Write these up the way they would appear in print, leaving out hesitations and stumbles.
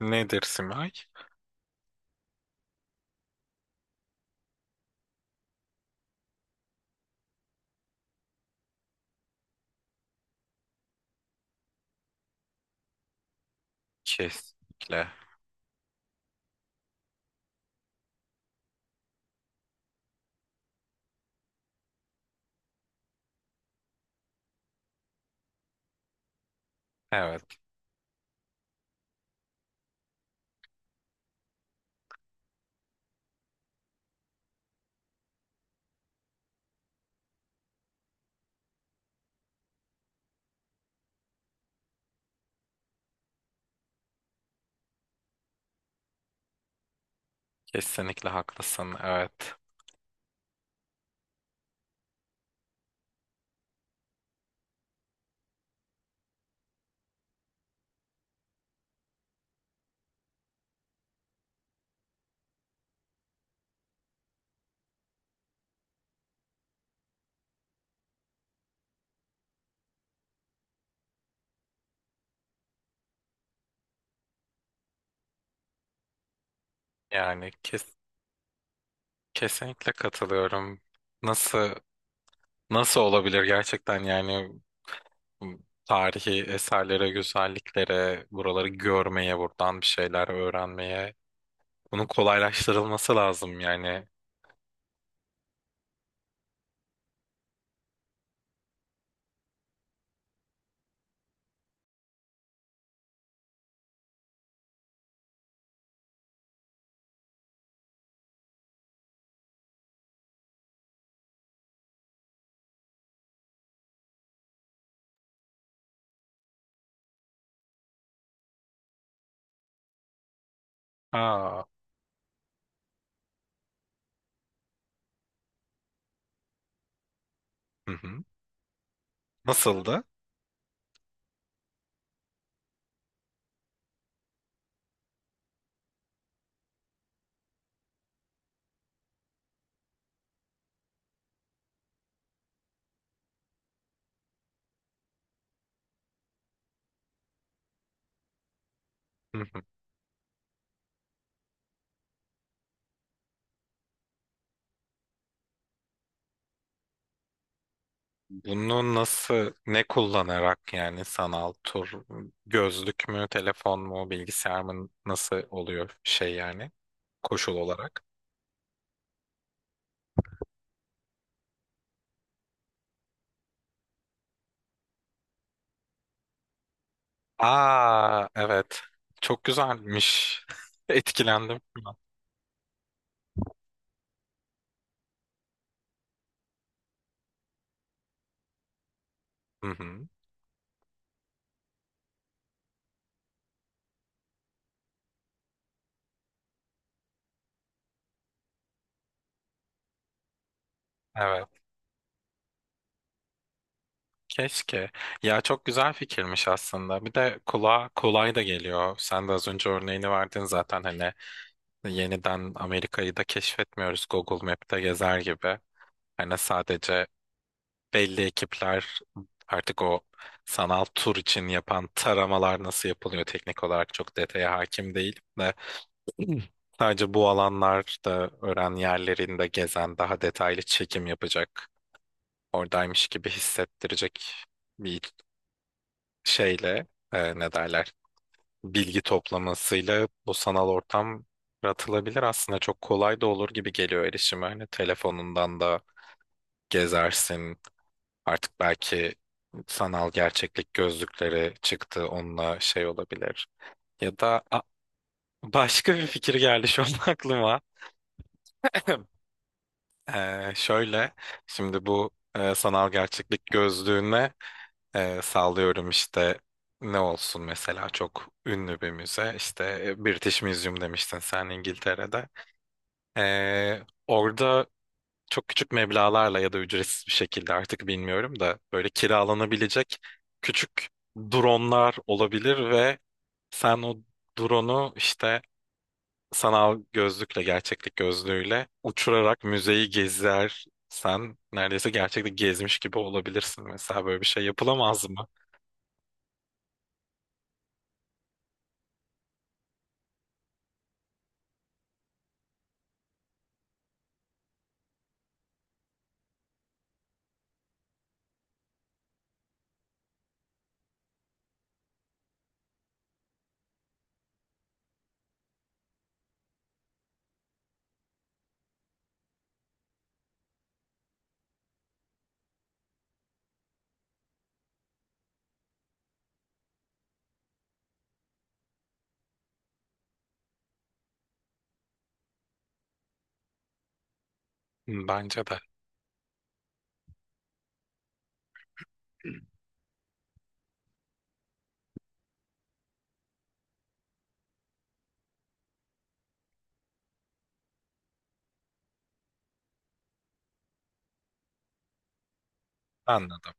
Nedir Simay? Kesinlikle. Evet, kesinlikle haklısın. Evet. Yani kesinlikle katılıyorum. Nasıl nasıl olabilir gerçekten yani, m, tarihi eserlere, güzelliklere, buraları görmeye, buradan bir şeyler öğrenmeye bunun kolaylaştırılması lazım yani. Aa, hı hı. Nasıldı? Bunu nasıl, ne kullanarak yani sanal tur, gözlük mü, telefon mu, bilgisayar mı nasıl oluyor şey yani koşul olarak? Aa, evet. Çok güzelmiş. Etkilendim şu an. Hı hı. Evet. Keşke. Ya, çok güzel fikirmiş aslında. Bir de kulağa kolay da geliyor. Sen de az önce örneğini verdin zaten, hani yeniden Amerika'yı da keşfetmiyoruz, Google Map'te gezer gibi. Hani sadece belli ekipler artık o sanal tur için yapan taramalar, nasıl yapılıyor teknik olarak çok detaya hakim değilim de, sadece bu alanlarda öğren yerlerinde gezen daha detaylı çekim yapacak, oradaymış gibi hissettirecek bir şeyle, ne derler, bilgi toplamasıyla bu sanal ortam yaratılabilir aslında, çok kolay da olur gibi geliyor erişime. Hani telefonundan da gezersin. Artık belki sanal gerçeklik gözlükleri çıktı, onunla şey olabilir. Ya da başka bir fikir geldi şu an aklıma. Şöyle şimdi bu sanal gerçeklik gözlüğüne sallıyorum işte, ne olsun mesela, çok ünlü bir müze işte, British Museum demiştin sen, İngiltere'de. Ee, orada çok küçük meblağlarla ya da ücretsiz bir şekilde, artık bilmiyorum da, böyle kiralanabilecek küçük dronlar olabilir ve sen o drone'u işte sanal gözlükle, gerçeklik gözlüğüyle uçurarak müzeyi gezersen neredeyse gerçekte gezmiş gibi olabilirsin. Mesela böyle bir şey yapılamaz mı? Hı, bence de. Anladım.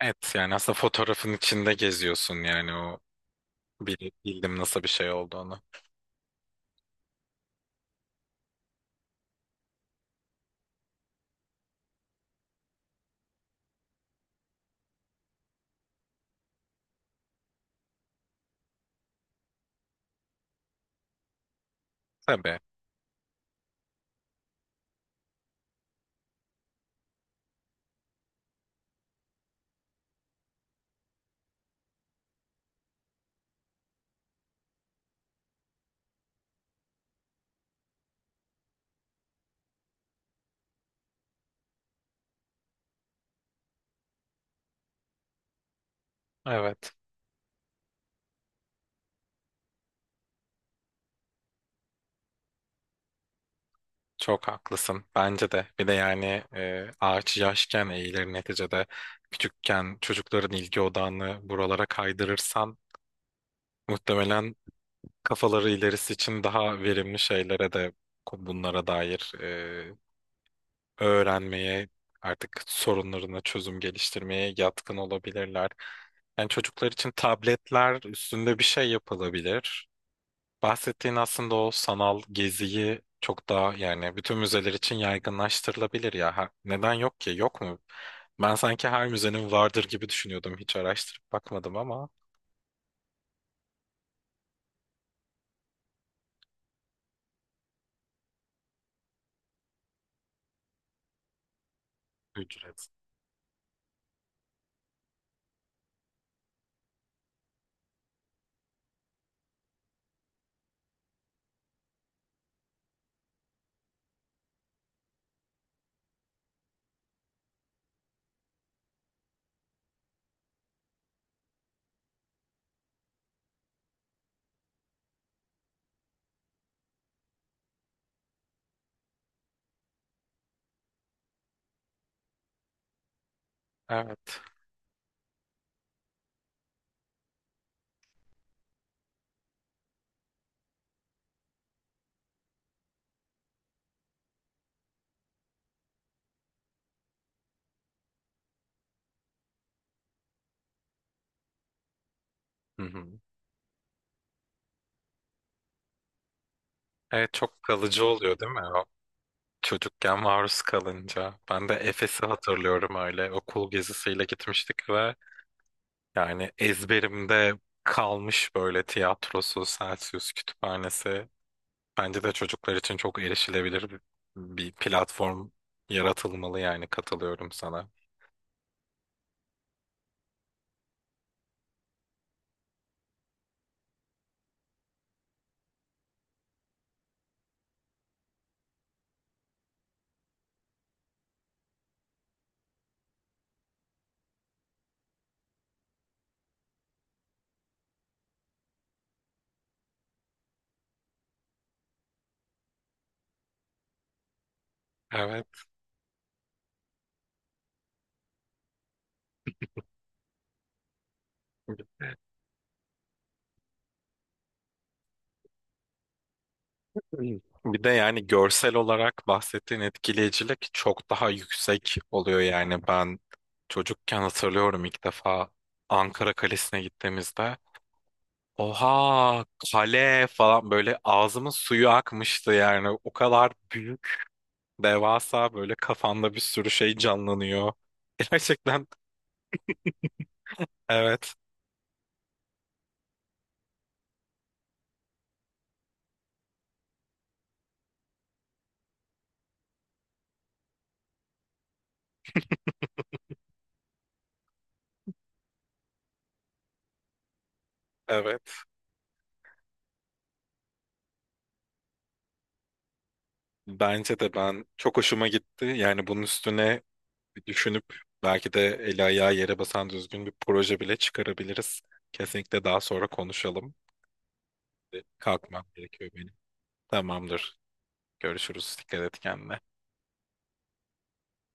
Evet, yani aslında fotoğrafın içinde geziyorsun yani, o bildim nasıl bir şey olduğunu. Tabii. Evet. Çok haklısın. Bence de. Bir de yani, ağaç yaşken eğilir neticede. Küçükken çocukların ilgi odağını buralara kaydırırsan muhtemelen kafaları ilerisi için daha verimli şeylere de, bunlara dair öğrenmeye, artık sorunlarına çözüm geliştirmeye yatkın olabilirler. Yani çocuklar için tabletler üstünde bir şey yapılabilir. Bahsettiğin aslında o sanal geziyi çok daha, yani bütün müzeler için yaygınlaştırılabilir ya. Neden yok ki? Yok mu? Ben sanki her müzenin vardır gibi düşünüyordum. Hiç araştırıp bakmadım ama. Ücret. Evet. Hı hı. Evet, çok kalıcı oluyor değil mi? O çocukken maruz kalınca. Ben de Efes'i hatırlıyorum öyle. Okul gezisiyle gitmiştik ve yani ezberimde kalmış böyle, tiyatrosu, Celsius kütüphanesi. Bence de çocuklar için çok erişilebilir bir platform yaratılmalı, yani katılıyorum sana. Evet. Bir de yani görsel olarak bahsettiğin etkileyicilik çok daha yüksek oluyor. Yani ben çocukken hatırlıyorum, ilk defa Ankara Kalesi'ne gittiğimizde, oha, kale falan, böyle ağzımın suyu akmıştı. Yani o kadar büyük, devasa, böyle kafanda bir sürü şey canlanıyor. Gerçekten evet, evet. Bence de, ben çok hoşuma gitti. Yani bunun üstüne bir düşünüp belki de eli ayağı yere basan düzgün bir proje bile çıkarabiliriz. Kesinlikle, daha sonra konuşalım. Kalkmam gerekiyor benim. Tamamdır. Görüşürüz. Dikkat et kendine.